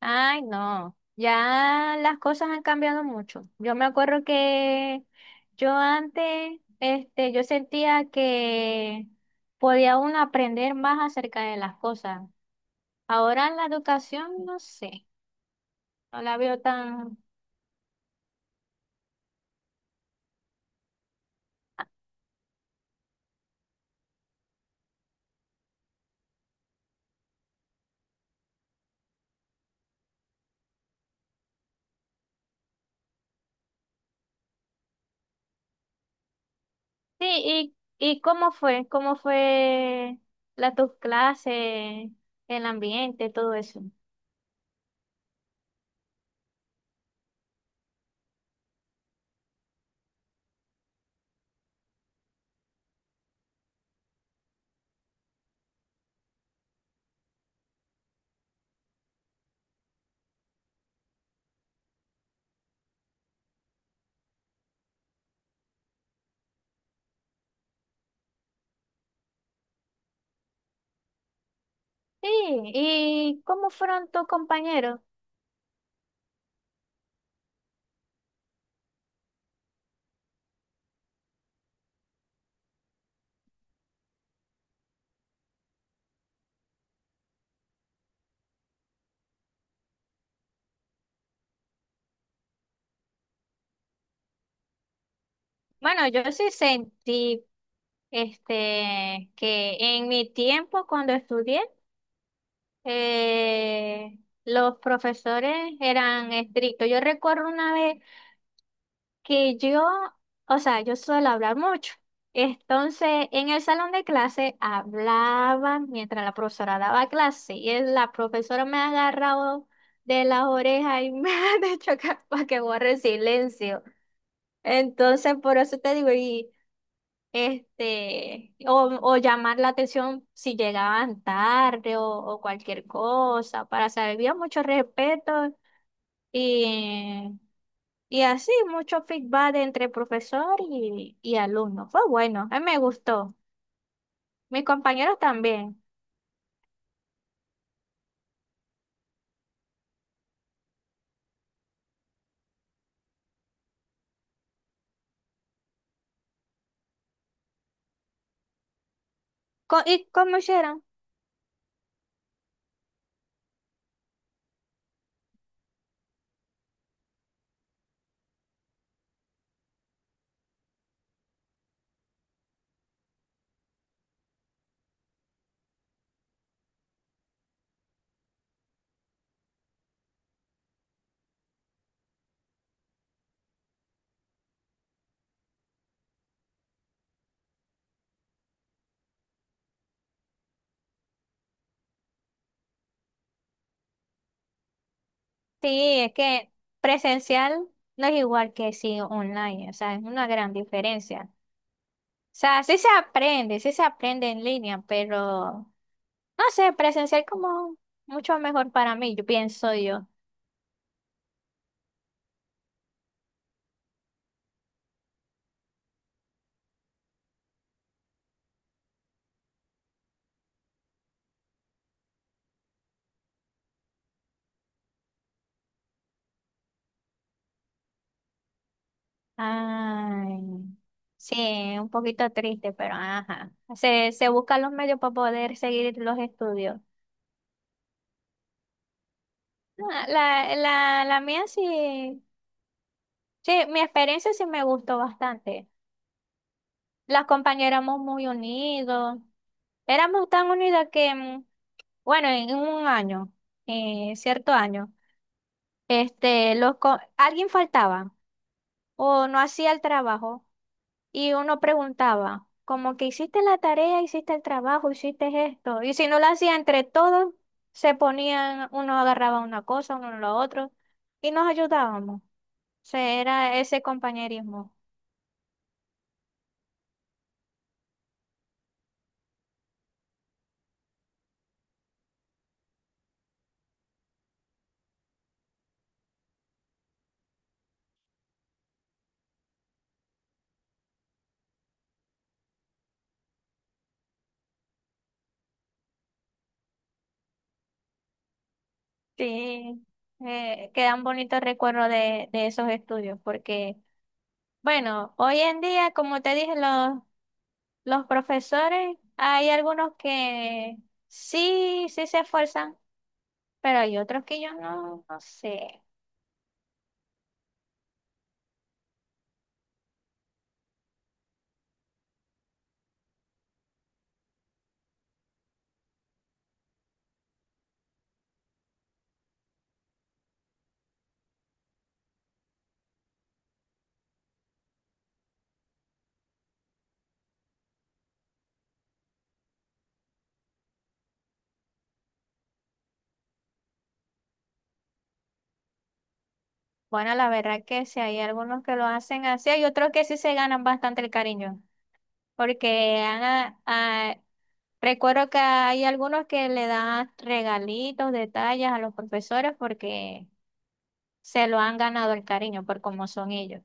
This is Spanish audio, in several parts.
Ay, no, ya las cosas han cambiado mucho. Yo me acuerdo que yo antes, yo sentía que podía uno aprender más acerca de las cosas. Ahora la educación, no sé, no la veo tan... Ah, sí, ¿ y cómo fue? ¿Cómo fue la tus clases, el ambiente, todo eso? Sí, ¿y cómo fueron tus compañeros? Bueno, yo sí sentí que en mi tiempo cuando estudié, eh, los profesores eran estrictos. Yo recuerdo una vez que yo, o sea, yo suelo hablar mucho. Entonces, en el salón de clase hablaba mientras la profesora daba clase y la profesora me ha agarrado de las orejas y me ha dicho que, para que borre el silencio. Entonces, por eso te digo, y... o llamar la atención si llegaban tarde o cualquier cosa, para saber, había mucho respeto y, y así, mucho feedback entre profesor y alumno. Fue bueno, a mí me gustó. Mis compañeros también. ¿Y cómo hicieron? Sí, es que presencial no es igual que si online, o sea, es una gran diferencia. O sea, sí se aprende en línea, pero no sé, presencial como mucho mejor para mí, yo pienso yo. Ay, sí, un poquito triste, pero ajá. Se buscan los medios para poder seguir los estudios. Ah, la mía sí, sí, mi experiencia sí me gustó bastante. Las compañeras éramos muy unidos. Éramos tan unidas que, bueno, en un año, cierto año. Alguien faltaba o no hacía el trabajo y uno preguntaba, como que hiciste la tarea, hiciste el trabajo, hiciste esto. Y si no lo hacía entre todos, se ponían, uno agarraba una cosa, uno lo otro y nos ayudábamos. O sea, era ese compañerismo. Sí, quedan bonitos recuerdos de esos estudios, porque, bueno, hoy en día, como te dije, los profesores, hay algunos que sí, sí se esfuerzan, pero hay otros que yo no, no sé. Bueno, la verdad que sí, hay algunos que lo hacen así, hay otros que sí se ganan bastante el cariño, porque han, recuerdo que hay algunos que le dan regalitos, detalles a los profesores, porque... se lo han ganado el cariño por cómo son ellos.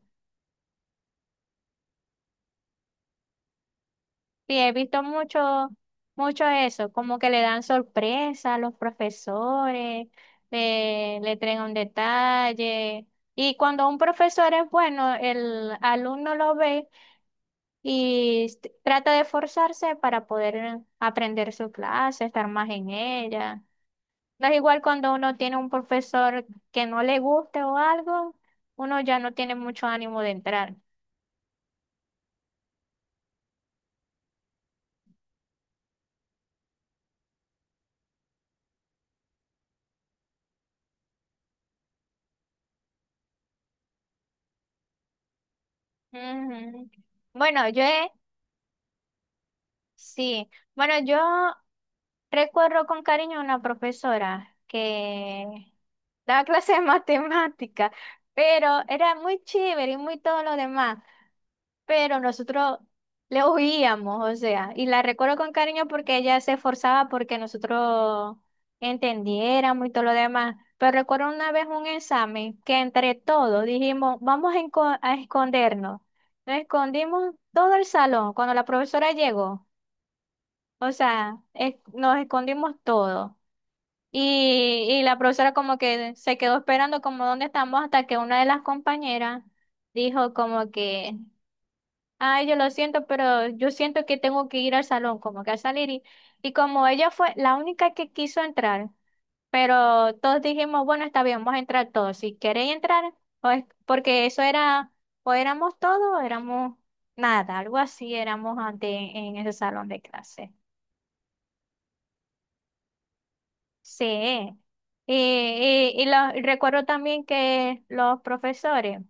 Sí, he visto mucho, mucho eso, como que le dan sorpresa a los profesores, le traen un detalle. Y cuando un profesor es bueno, el alumno lo ve y trata de esforzarse para poder aprender su clase, estar más en ella. No es igual cuando uno tiene un profesor que no le guste o algo, uno ya no tiene mucho ánimo de entrar. Ujú. Bueno, yo he, Sí, bueno, yo recuerdo con cariño a una profesora que daba clases de matemática, pero era muy chévere y muy todo lo demás, pero nosotros le oíamos, o sea, y la recuerdo con cariño porque ella se esforzaba porque nosotros entendiéramos y todo lo demás. Pero recuerdo una vez un examen que entre todos dijimos, vamos a escondernos. Nos escondimos todo el salón cuando la profesora llegó. O sea, nos escondimos todo. Y la profesora como que se quedó esperando como dónde estamos hasta que una de las compañeras dijo como que, ay, yo lo siento, pero yo siento que tengo que ir al salón, como que a salir. Y como ella fue la única que quiso entrar, pero todos dijimos, bueno, está bien, vamos a entrar todos. Si queréis entrar, porque eso era, o éramos todos, o éramos nada, algo así éramos antes en ese salón de clase. Sí. Y, y recuerdo también que los profesores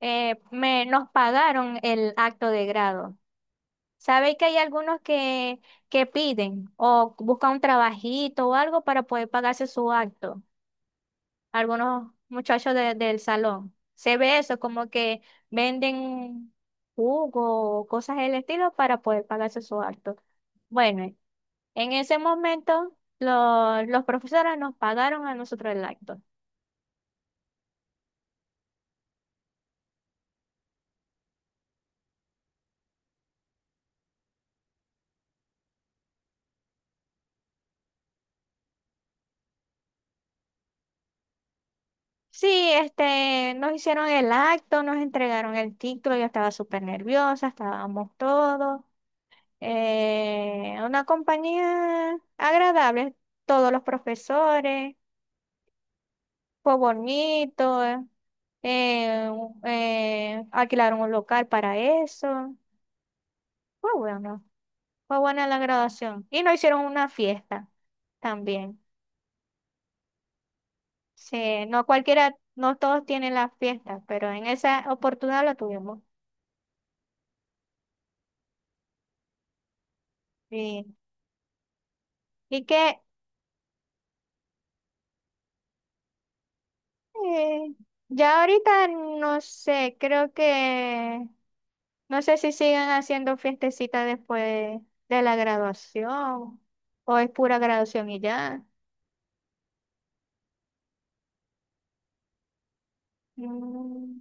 nos pagaron el acto de grado. Sabéis que hay algunos que piden o buscan un trabajito o algo para poder pagarse su acto. Algunos muchachos del salón. Se ve eso, como que venden jugo o cosas del estilo para poder pagarse su acto. Bueno, en ese momento, los profesores nos pagaron a nosotros el acto. Sí, nos hicieron el acto, nos entregaron el título, yo estaba súper nerviosa, estábamos todos. Una compañía agradable, todos los profesores, fue bonito, eh, alquilaron un local para eso. Fue bueno, fue buena la graduación. Y nos hicieron una fiesta también. Sí, no cualquiera, no todos tienen las fiestas, pero en esa oportunidad la tuvimos. Sí. Y que eh, ya ahorita no sé, creo que no sé si siguen haciendo fiestecitas después de la graduación o es pura graduación y ya. Mm,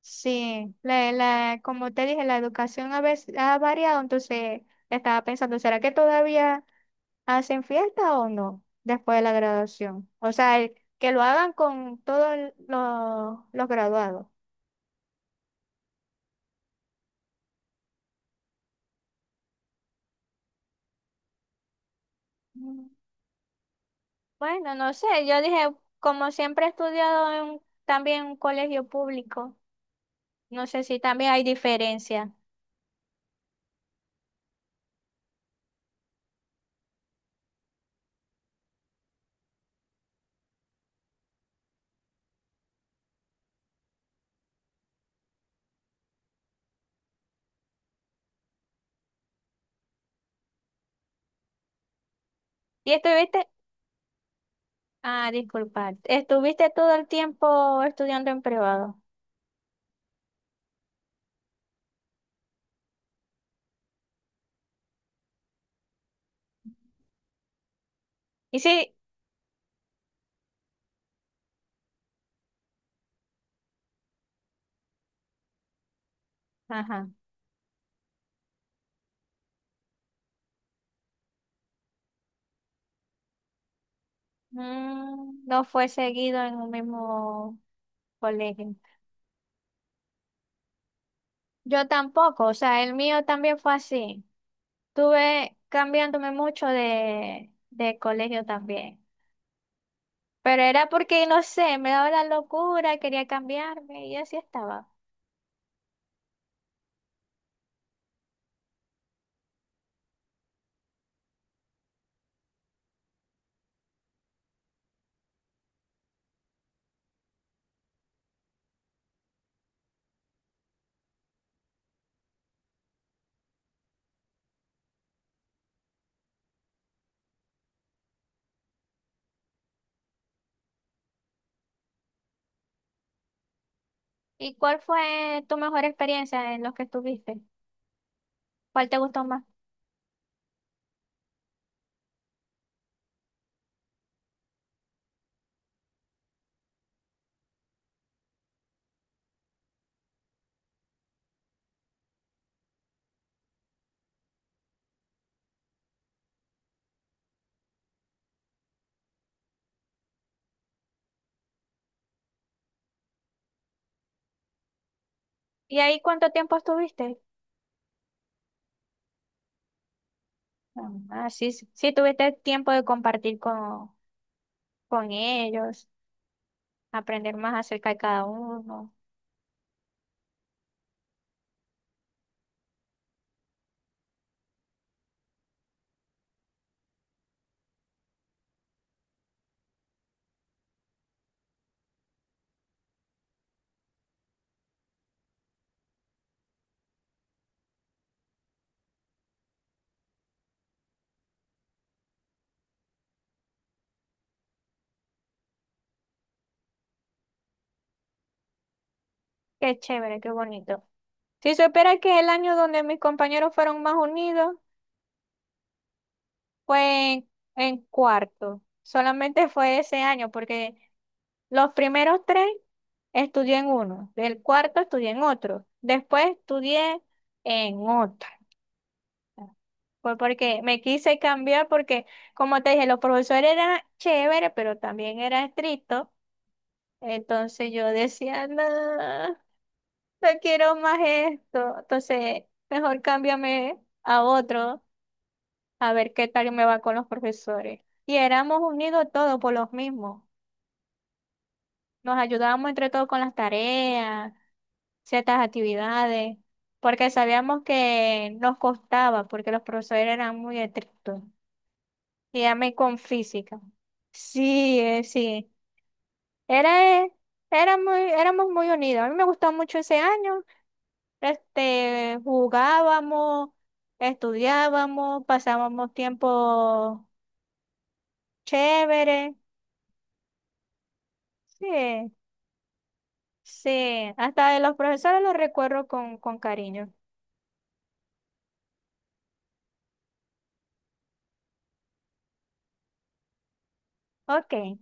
sí, la como te dije, la educación a veces ha variado, entonces estaba pensando, ¿será que todavía... ¿hacen fiesta o no después de la graduación? O sea, que lo hagan con todos los graduados. Mm, Bueno, no sé, yo dije, como siempre he estudiado en, también en un colegio público, no sé si también hay diferencia. ¿Y estuviste? Ah, disculpa, estuviste todo el tiempo estudiando en privado. Y sí, ajá, no fue seguido en un mismo colegio. Yo tampoco, o sea, el mío también fue así. Tuve cambiándome mucho de colegio también. Pero era porque, no sé, me daba la locura, quería cambiarme y así estaba. ¿Y cuál fue tu mejor experiencia en los que estuviste? ¿Cuál te gustó más? ¿Y ahí cuánto tiempo estuviste? Ah, sí, sí, sí tuviste tiempo de compartir con ellos, aprender más acerca de cada uno. Qué chévere, qué bonito. Si supiera que es el año donde mis compañeros fueron más unidos, fue en cuarto. Solamente fue ese año, porque los primeros tres estudié en uno, del cuarto estudié en otro, después estudié en otro. Fue porque me quise cambiar, porque como te dije, los profesores eran chéveres, pero también eran estrictos. Entonces yo decía, no, no quiero más esto. Entonces, mejor cámbiame a otro. A ver qué tal me va con los profesores. Y éramos unidos todos por los mismos. Nos ayudábamos entre todos con las tareas, ciertas actividades, porque sabíamos que nos costaba, porque los profesores eran muy estrictos. Y a mí con física. Sí, sí. Era, eh, éramos muy unidos. A mí me gustó mucho ese año. Jugábamos, estudiábamos, pasábamos tiempo chévere. Sí. Sí, hasta de los profesores los recuerdo con cariño. Ok,